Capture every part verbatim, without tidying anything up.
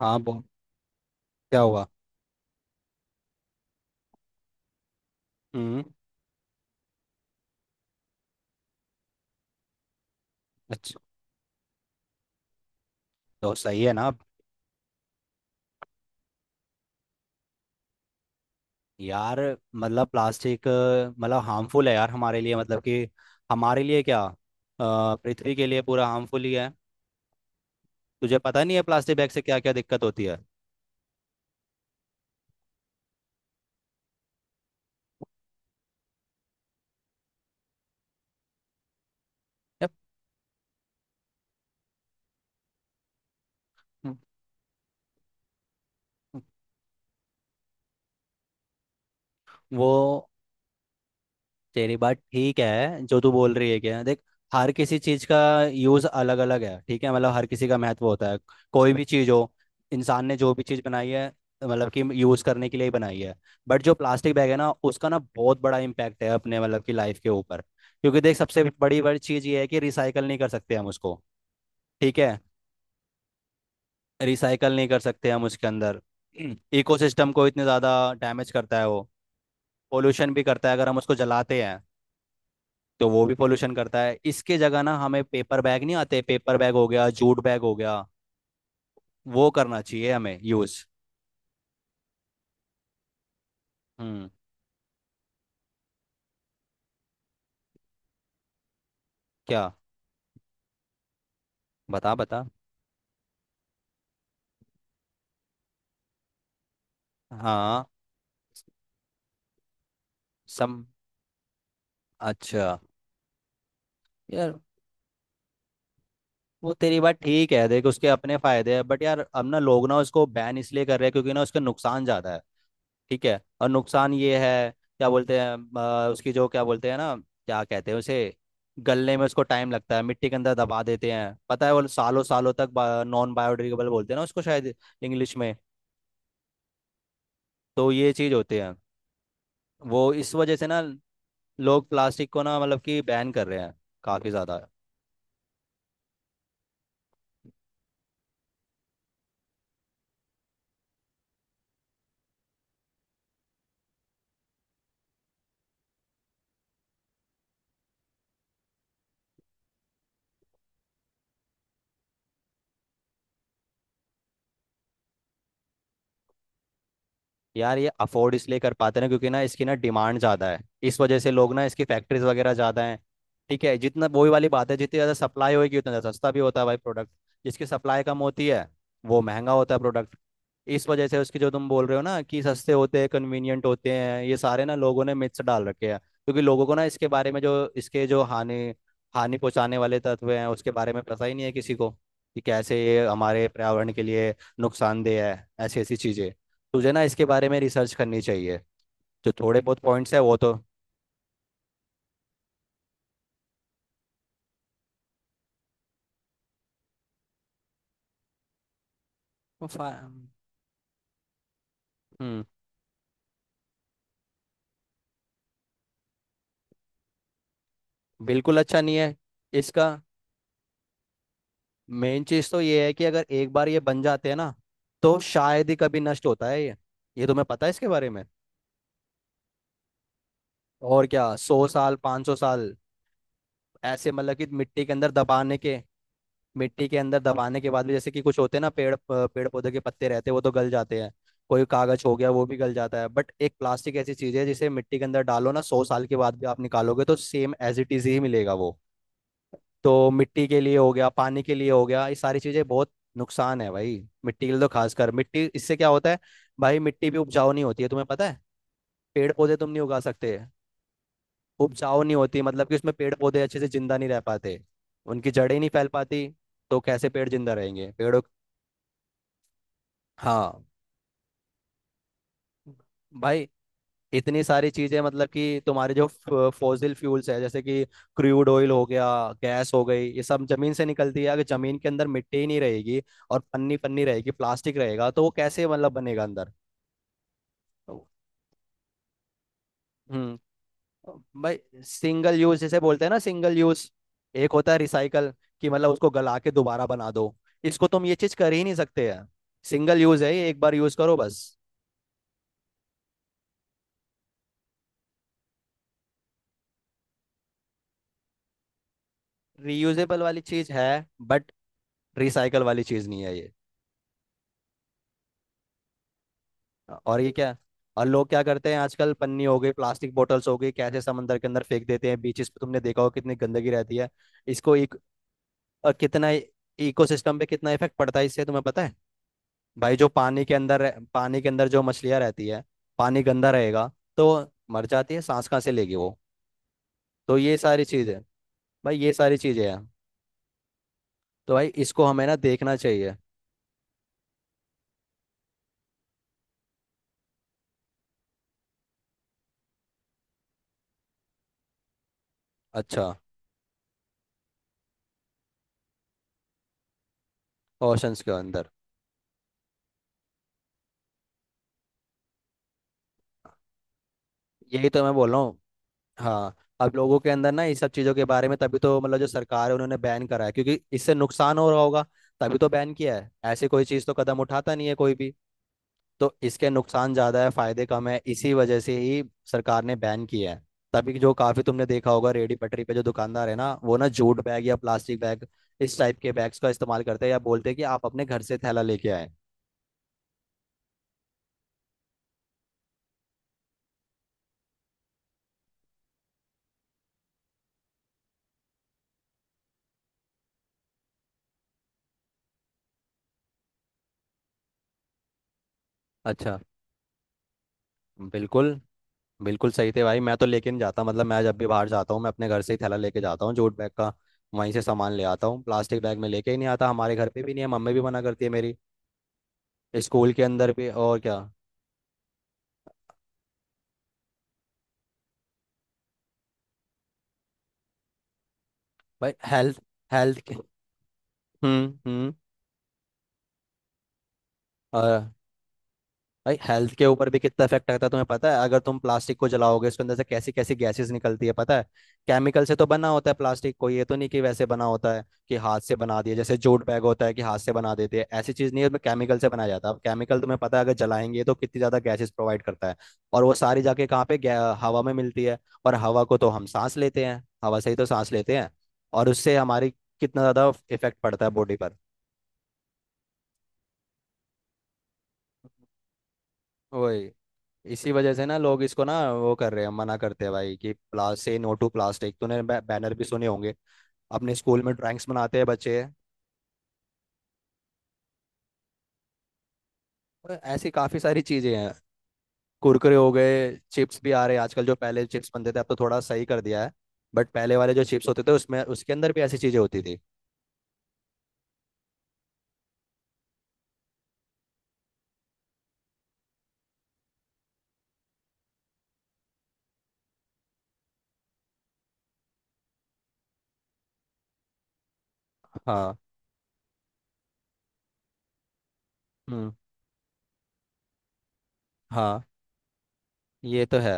हाँ, बहुत। क्या हुआ। हम्म। अच्छा। तो सही है ना। यार मतलब प्लास्टिक अ, मतलब हार्मफुल है यार हमारे लिए मतलब कि हमारे लिए क्या अ, पृथ्वी के लिए पूरा हार्मफुल ही है। तुझे पता नहीं है प्लास्टिक बैग से क्या क्या दिक्कत होती है। यार, वो तेरी बात ठीक है जो तू बोल रही है, क्या, देख। हर किसी चीज का यूज अलग अलग है, ठीक है। मतलब हर किसी का महत्व होता है। कोई भी चीज हो, इंसान ने जो भी चीज बनाई है मतलब कि यूज करने के लिए ही बनाई है। बट जो प्लास्टिक बैग है ना, उसका ना बहुत बड़ा इम्पैक्ट है अपने मतलब की लाइफ के ऊपर। क्योंकि देख, सबसे बड़ी बड़ी चीज ये है कि रिसाइकल नहीं कर सकते हम उसको, ठीक है। रिसाइकल नहीं कर सकते हम उसके अंदर। इकोसिस्टम को इतने ज्यादा डैमेज करता है वो। पोल्यूशन भी करता है अगर हम उसको जलाते हैं तो वो भी पोल्यूशन करता है। इसके जगह ना, हमें पेपर बैग नहीं आते पेपर बैग हो गया, जूट बैग हो गया, वो करना चाहिए हमें यूज। हम्म। क्या। बता बता। हाँ। सम। अच्छा। यार वो तेरी बात ठीक है देख, उसके अपने फायदे हैं। बट यार अब ना लोग ना उसको बैन इसलिए कर रहे हैं क्योंकि ना उसका नुकसान ज्यादा है, ठीक है। और नुकसान ये है, क्या बोलते हैं, अ, उसकी जो क्या बोलते हैं ना, क्या कहते हैं उसे, गलने में उसको टाइम लगता है। मिट्टी के अंदर दबा देते हैं, पता है वो सालों सालों तक। नॉन बायोडिग्रेडेबल बोलते हैं ना उसको शायद, इंग्लिश में। तो ये चीज़ होती है। वो इस वजह से ना लोग प्लास्टिक को ना मतलब कि बैन कर रहे हैं काफ़ी ज़्यादा। यार ये अफोर्ड इसलिए कर पाते ना क्योंकि ना इसकी ना डिमांड ज़्यादा है, इस वजह से। लोग ना इसकी फैक्ट्रीज वगैरह ज़्यादा हैं, ठीक है। जितना वही वाली बात है, जितनी ज़्यादा सप्लाई होगी उतना ज़्यादा सस्ता भी होता है भाई प्रोडक्ट। जिसकी सप्लाई कम होती है वो महंगा होता है प्रोडक्ट। इस वजह से उसके जो तुम बोल रहे हो ना कि सस्ते होते हैं कन्वीनियंट होते हैं, ये सारे ना लोगों ने मिथ्स डाल रखे हैं। क्योंकि लोगों को ना इसके बारे में जो इसके जो हानि हानि पहुंचाने वाले तत्व हैं उसके बारे में पता ही नहीं है किसी को, कि कैसे ये हमारे पर्यावरण के लिए नुकसानदेह है, ऐसी ऐसी चीज़ें। तुझे ना इसके बारे में रिसर्च करनी चाहिए, जो थोड़े बहुत पॉइंट्स है वो तो। वो फा- हम्म। बिल्कुल अच्छा नहीं है इसका। मेन चीज़ तो ये है कि अगर एक बार ये बन जाते हैं ना तो शायद ही कभी नष्ट होता है ये। ये तुम्हें पता है इसके बारे में। और क्या, सौ साल, पाँच सौ साल, ऐसे मतलब कि मिट्टी के अंदर दबाने के। मिट्टी के अंदर दबाने के बाद भी जैसे कि कुछ होते हैं ना पेड़ प- पेड़ पौधे के पत्ते रहते हैं, वो तो गल जाते हैं। कोई कागज हो गया वो भी गल जाता है। बट एक प्लास्टिक ऐसी चीज है जिसे मिट्टी के अंदर डालो ना, सौ साल के बाद भी आप निकालोगे तो सेम एज इट इज ही मिलेगा वो। तो मिट्टी के लिए हो गया, पानी के लिए हो गया, ये सारी चीजें बहुत नुकसान है भाई। मिट्टी के लिए तो खासकर, मिट्टी इससे क्या होता है भाई, मिट्टी भी उपजाऊ नहीं होती है, तुम्हें पता है। पेड़ पौधे तुम नहीं उगा सकते। उपजाऊ नहीं होती मतलब कि उसमें पेड़ पौधे अच्छे से जिंदा नहीं रह पाते, उनकी जड़ें नहीं फैल पाती, तो कैसे पेड़ जिंदा रहेंगे, पेड़ों। हाँ। भाई इतनी सारी चीजें मतलब कि तुम्हारे जो फॉसिल फ्यूल्स है, जैसे कि क्रूड ऑयल हो गया, गैस हो गई, ये सब जमीन से निकलती है। अगर जमीन के अंदर मिट्टी ही नहीं रहेगी और पन्नी पन्नी रहेगी, प्लास्टिक रहेगा तो वो कैसे मतलब बनेगा अंदर। हम्म। भाई सिंगल यूज जैसे बोलते हैं ना, सिंगल यूज। एक होता है रिसाइकल, कि मतलब उसको गला के दोबारा बना दो, इसको तुम ये चीज कर ही नहीं सकते हैं। सिंगल यूज है ये, एक बार यूज करो बस। रीयूजेबल वाली चीज है बट रिसाइकल वाली चीज नहीं है ये। और ये क्या, और लोग क्या करते हैं आजकल, पन्नी हो गई, प्लास्टिक बोटल्स हो गई, कैसे समंदर के अंदर फेंक देते हैं, बीचेस पे तुमने देखा हो कितनी गंदगी रहती है। इसको एक, और कितना, इकोसिस्टम पे कितना इफेक्ट पड़ता है इससे, तुम्हें पता है। भाई जो पानी के अंदर रह- पानी के अंदर जो मछलियाँ रहती है, पानी गंदा रहेगा तो मर जाती है, सांस कहाँ से लेगी वो। तो ये सारी चीज़ है भाई, ये सारी चीज़ें हैं, तो भाई इसको हमें ना देखना चाहिए। अच्छा। ओशंस के अंदर। यही तो मैं बोल रहा हूँ। हाँ अब लोगों के अंदर ना इस सब चीज़ों के बारे में, तभी तो मतलब जो सरकार है उन्होंने बैन करा है क्योंकि इससे नुकसान हो रहा होगा, तभी तो बैन किया है। ऐसे कोई चीज़ तो कदम उठाता नहीं है कोई भी, तो इसके नुकसान ज्यादा है फायदे कम है इसी वजह से ही सरकार ने बैन किया है। तभी जो काफी तुमने देखा होगा रेडी पटरी पे जो दुकानदार है ना, वो ना जूट बैग या प्लास्टिक बैग, इस टाइप के बैग्स का इस्तेमाल करते हैं, या बोलते हैं कि आप अपने घर से थैला लेके आए। अच्छा। बिल्कुल। बिल्कुल सही थे भाई। मैं तो लेकिन जाता, मतलब मैं जब भी बाहर जाता हूँ मैं अपने घर से ही थैला लेके जाता हूँ जूट बैग का। वहीं से सामान ले आता हूँ, प्लास्टिक बैग में लेके ही नहीं आता। हमारे घर पे भी नहीं है, मम्मी भी मना करती है मेरी, स्कूल के अंदर भी, और क्या। भाई हेल्थ, हेल्थ के। हम्म। हम्म। और भाई हेल्थ के ऊपर भी कितना इफेक्ट आता है तुम्हें पता है, अगर तुम प्लास्टिक को जलाओगे उसके अंदर से कैसी कैसी गैसेस निकलती है पता है। केमिकल से तो बना होता है प्लास्टिक, कोई ये तो नहीं कि वैसे बना होता है कि हाथ से बना दिया। जैसे जूट बैग होता है कि हाथ से बना देते हैं, ऐसी चीज़ नहीं है उसमें, केमिकल से बनाया जाता है। अब केमिकल तुम्हें पता है अगर जलाएंगे तो कितनी ज़्यादा गैसेस प्रोवाइड करता है। और वो सारी जाके कहाँ पे गै- हवा में मिलती है, और हवा को तो हम सांस लेते हैं, हवा से ही तो सांस लेते हैं, और उससे हमारी, कितना ज़्यादा इफेक्ट पड़ता है बॉडी पर। वही, इसी वजह से ना लोग इसको ना वो कर रहे हैं, मना करते हैं भाई कि प्लास से नो टू प्लास्टिक, तूने बै, बैनर भी सुने होंगे, अपने स्कूल में ड्राइंग्स बनाते हैं बच्चे। और ऐसी काफ़ी सारी चीज़ें हैं, कुरकुरे हो गए, चिप्स भी आ रहे हैं आजकल जो, पहले चिप्स बनते थे अब तो थोड़ा सही कर दिया है, बट पहले वाले जो चिप्स होते थे उसमें, उसके अंदर भी ऐसी चीज़ें होती थी। हाँ। हम्म। हाँ ये तो है।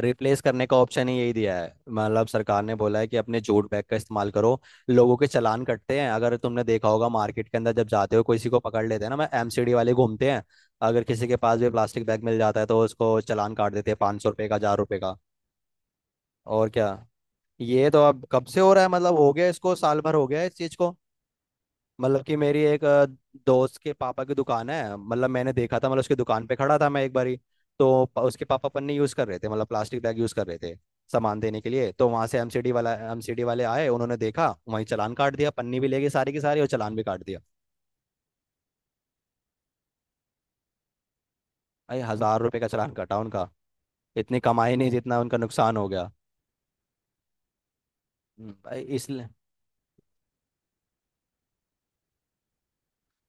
रिप्लेस करने का ऑप्शन ही यही दिया है, मतलब सरकार ने बोला है कि अपने जूट बैग का इस्तेमाल करो। लोगों के चालान कटते हैं, अगर तुमने देखा होगा मार्केट के अंदर जब जाते हो किसी को पकड़ लेते हैं ना, मैं एमसीडी वाले घूमते हैं, अगर किसी के पास भी प्लास्टिक बैग मिल जाता है तो उसको चालान काट देते हैं पाँच सौ रुपये का, हजार रुपये का, और क्या। ये तो अब कब से हो रहा है, मतलब हो गया इसको साल भर हो गया इस चीज को। मतलब कि मेरी एक अ, दोस्त के पापा की दुकान है, मतलब मैंने देखा था, मतलब उसकी दुकान पे खड़ा था मैं एक बारी, तो प- उसके पापा पन्नी यूज़ कर रहे थे, मतलब प्लास्टिक बैग यूज़ कर रहे थे सामान देने के लिए, तो वहाँ से एमसीडी वाला, एमसीडी वाले आए, उन्होंने देखा वहीं चालान काट दिया, पन्नी भी ले गए सारी की सारी और चालान भी काट दिया। भाई हजार रुपए का चालान कटा उनका, इतनी कमाई नहीं जितना उनका नुकसान हो गया। हम्म, भाई इसलिए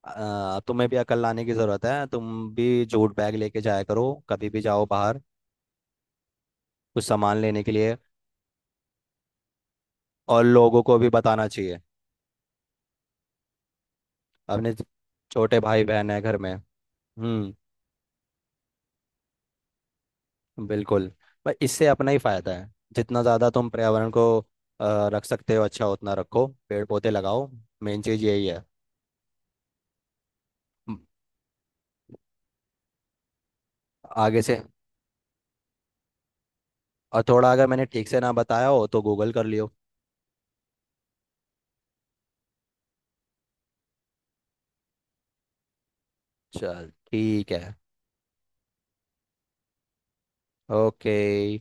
अ, तुम्हें भी अकल लाने की ज़रूरत है, तुम भी जूट बैग लेके जाया करो, कभी भी जाओ बाहर कुछ सामान लेने के लिए, और लोगों को भी बताना चाहिए। अपने ज- छोटे भाई बहन है घर में। हम्म। बिल्कुल। भाई इससे अपना ही फायदा है, जितना ज़्यादा तुम पर्यावरण को अ, रख सकते हो अच्छा उतना रखो, पेड़ पौधे लगाओ, मेन चीज़ यही है। म, आगे से। और थोड़ा अगर मैंने ठीक से ना बताया हो तो गूगल कर लियो। चल ठीक है। ओके।